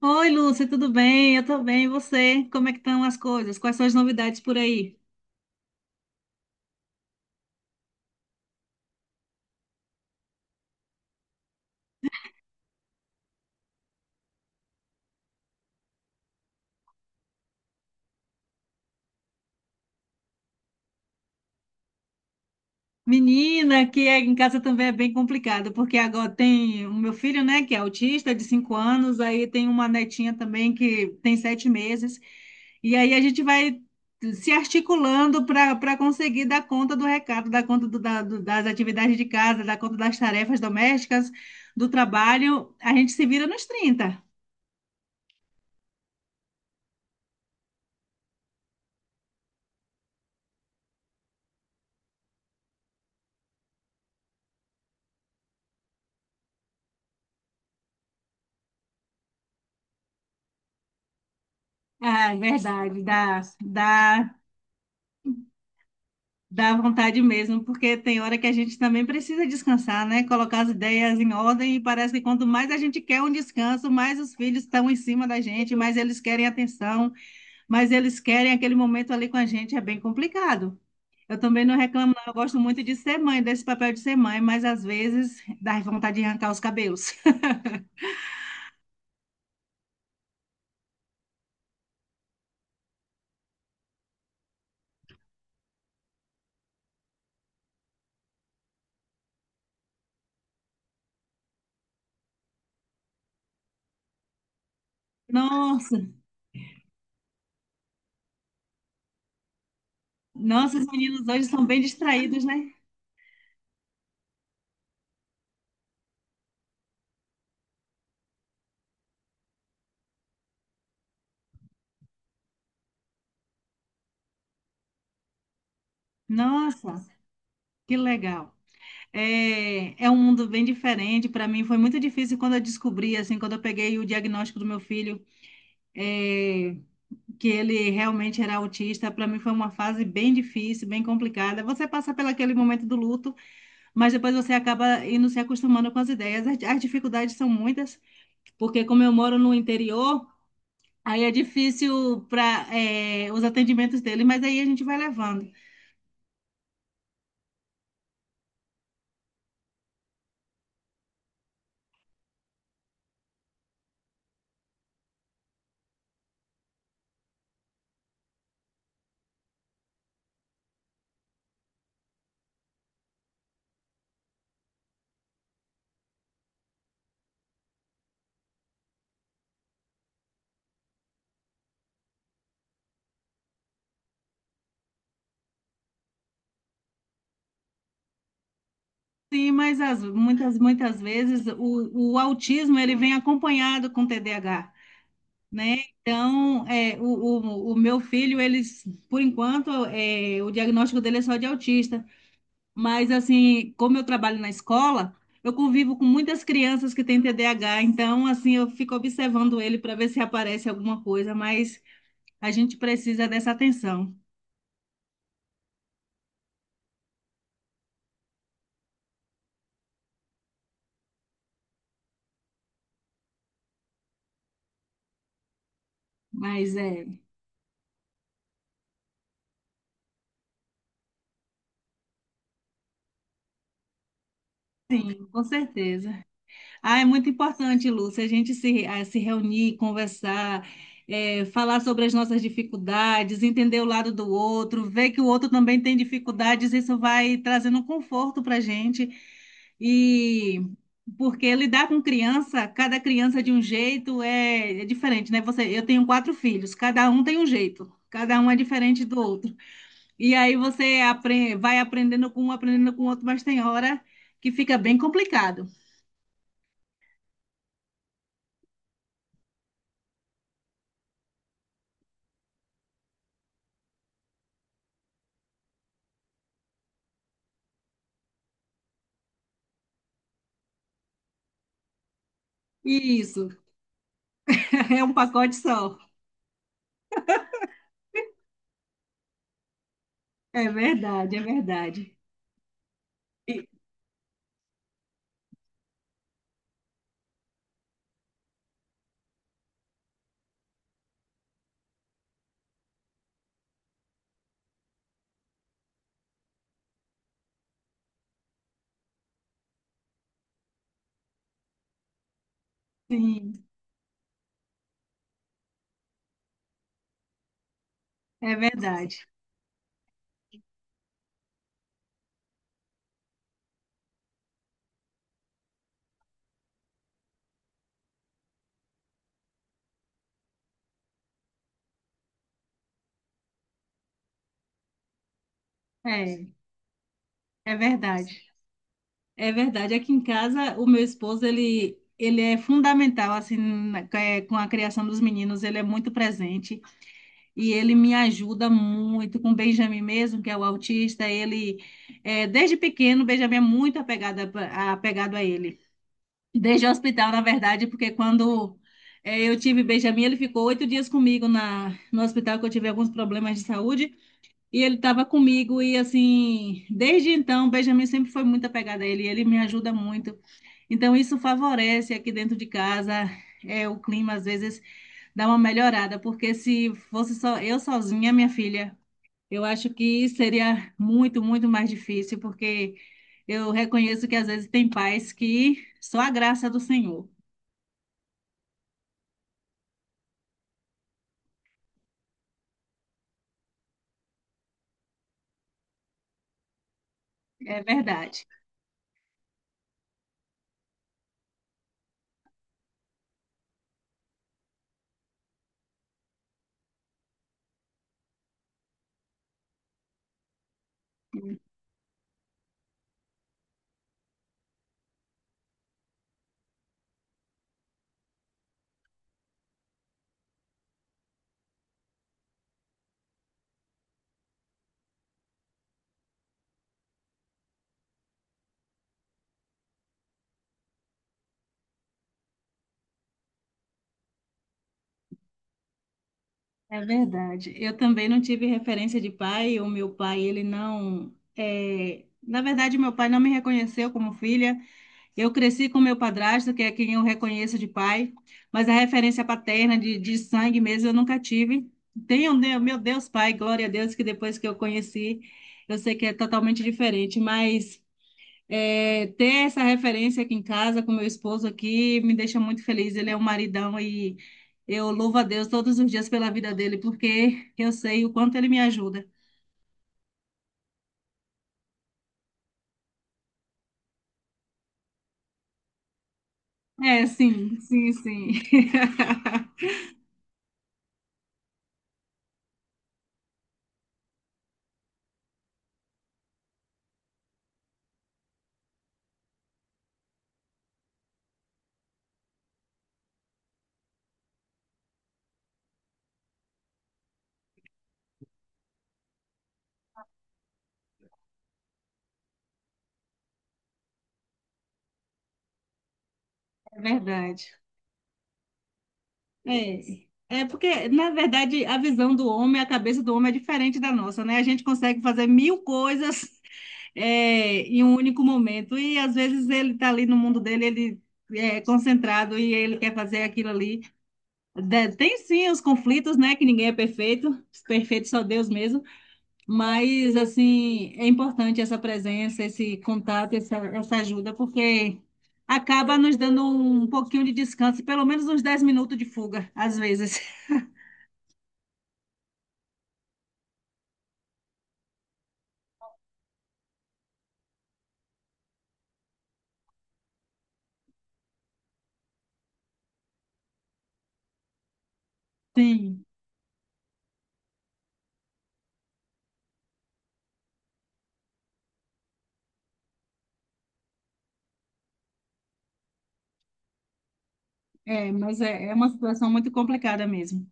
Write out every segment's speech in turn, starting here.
Oi, Lúcia, tudo bem? Eu tô bem, e você? Como é que estão as coisas? Quais são as novidades por aí? Menina, em casa também é bem complicado, porque agora tem o meu filho, né, que é autista, de 5 anos, aí tem uma netinha também que tem 7 meses, e aí a gente vai se articulando para conseguir dar conta do recado, dar conta das atividades de casa, dar conta das tarefas domésticas, do trabalho. A gente se vira nos trinta. Ah, é verdade, dá, dá. Dá vontade mesmo, porque tem hora que a gente também precisa descansar, né? Colocar as ideias em ordem e parece que quanto mais a gente quer um descanso, mais os filhos estão em cima da gente, mais eles querem atenção, mais eles querem aquele momento ali com a gente. É bem complicado. Eu também não reclamo, não. Eu gosto muito de ser mãe, desse papel de ser mãe, mas às vezes dá vontade de arrancar os cabelos. Nossa, nossos meninos hoje são bem distraídos, né? Nossa, que legal. É, é um mundo bem diferente. Para mim foi muito difícil quando eu descobri, assim, quando eu peguei o diagnóstico do meu filho, é, que ele realmente era autista. Para mim foi uma fase bem difícil, bem complicada. Você passa pelo aquele momento do luto, mas depois você acaba indo se acostumando com as ideias. As dificuldades são muitas, porque como eu moro no interior, aí é difícil os atendimentos dele, mas aí a gente vai levando. Sim, mas muitas, muitas vezes o autismo ele vem acompanhado com TDAH, né? Então, o meu filho, eles, por enquanto, o diagnóstico dele é só de autista. Mas, assim, como eu trabalho na escola, eu convivo com muitas crianças que têm TDAH. Então, assim, eu fico observando ele para ver se aparece alguma coisa. Mas a gente precisa dessa atenção. Mas, sim, com certeza. Ah, é muito importante, Lúcia, a gente se, a se reunir, conversar, falar sobre as nossas dificuldades, entender o lado do outro, ver que o outro também tem dificuldades, isso vai trazendo um conforto para a gente. E porque lidar com criança, cada criança de um jeito é diferente, né? Eu tenho 4 filhos, cada um tem um jeito, cada um é diferente do outro. E aí você vai aprendendo com um, aprendendo com o outro, mas tem hora que fica bem complicado. Isso. É um pacote só. É verdade, é verdade. E- Sim, é verdade. É, é verdade. É verdade. Aqui em casa, o meu esposo, ele é fundamental, assim, com a criação dos meninos, ele é muito presente e ele me ajuda muito com o Benjamin mesmo, que é o autista. Desde pequeno, o Benjamin é muito apegado a ele. Desde o hospital, na verdade, porque quando eu tive Benjamin, ele ficou 8 dias comigo no hospital, que eu tive alguns problemas de saúde, e ele estava comigo, e assim, desde então, Benjamin sempre foi muito apegado a ele, e ele me ajuda muito. Então, isso favorece aqui dentro de casa, o clima às vezes dá uma melhorada, porque se fosse só eu sozinha, minha filha, eu acho que seria muito, muito mais difícil, porque eu reconheço que às vezes tem pais que só a graça do Senhor. É verdade, é verdade. Eu também não tive referência de pai. O meu pai, ele não. Na verdade, meu pai não me reconheceu como filha. Eu cresci com meu padrasto, que é quem eu reconheço de pai, mas a referência paterna de sangue mesmo eu nunca tive. Tenho, né, meu Deus, pai, glória a Deus, que depois que eu conheci, eu sei que é totalmente diferente, mas. É, ter essa referência aqui em casa com meu esposo aqui me deixa muito feliz. Ele é um maridão e eu louvo a Deus todos os dias pela vida dele, porque eu sei o quanto ele me ajuda. É, sim, sim, sim. É verdade. É. É porque, na verdade, a visão do homem, a cabeça do homem é diferente da nossa, né? A gente consegue fazer mil coisas, em um único momento. E às vezes ele está ali no mundo dele, ele é concentrado e ele quer fazer aquilo ali. Tem sim os conflitos, né? Que ninguém é perfeito, perfeito só Deus mesmo. Mas, assim, é importante essa presença, esse contato, essa ajuda, porque acaba nos dando um pouquinho de descanso, pelo menos uns 10 minutos de fuga, às vezes. Sim, mas é uma situação muito complicada mesmo.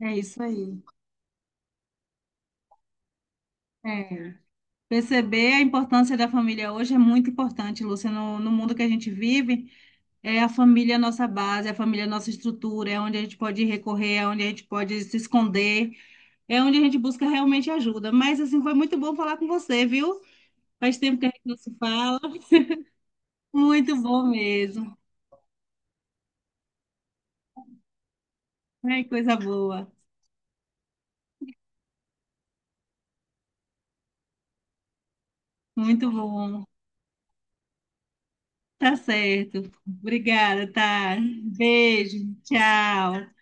É isso aí. É. Perceber a importância da família hoje é muito importante, Lúcia, no mundo que a gente vive. É a família é a nossa base, é a família é a nossa estrutura, é onde a gente pode recorrer, é onde a gente pode se esconder, é onde a gente busca realmente ajuda. Mas assim, foi muito bom falar com você, viu? Faz tempo que a gente não se fala. Muito bom mesmo. Ai, coisa boa. Muito bom. Tá certo. Obrigada, tá? Beijo. Tchau.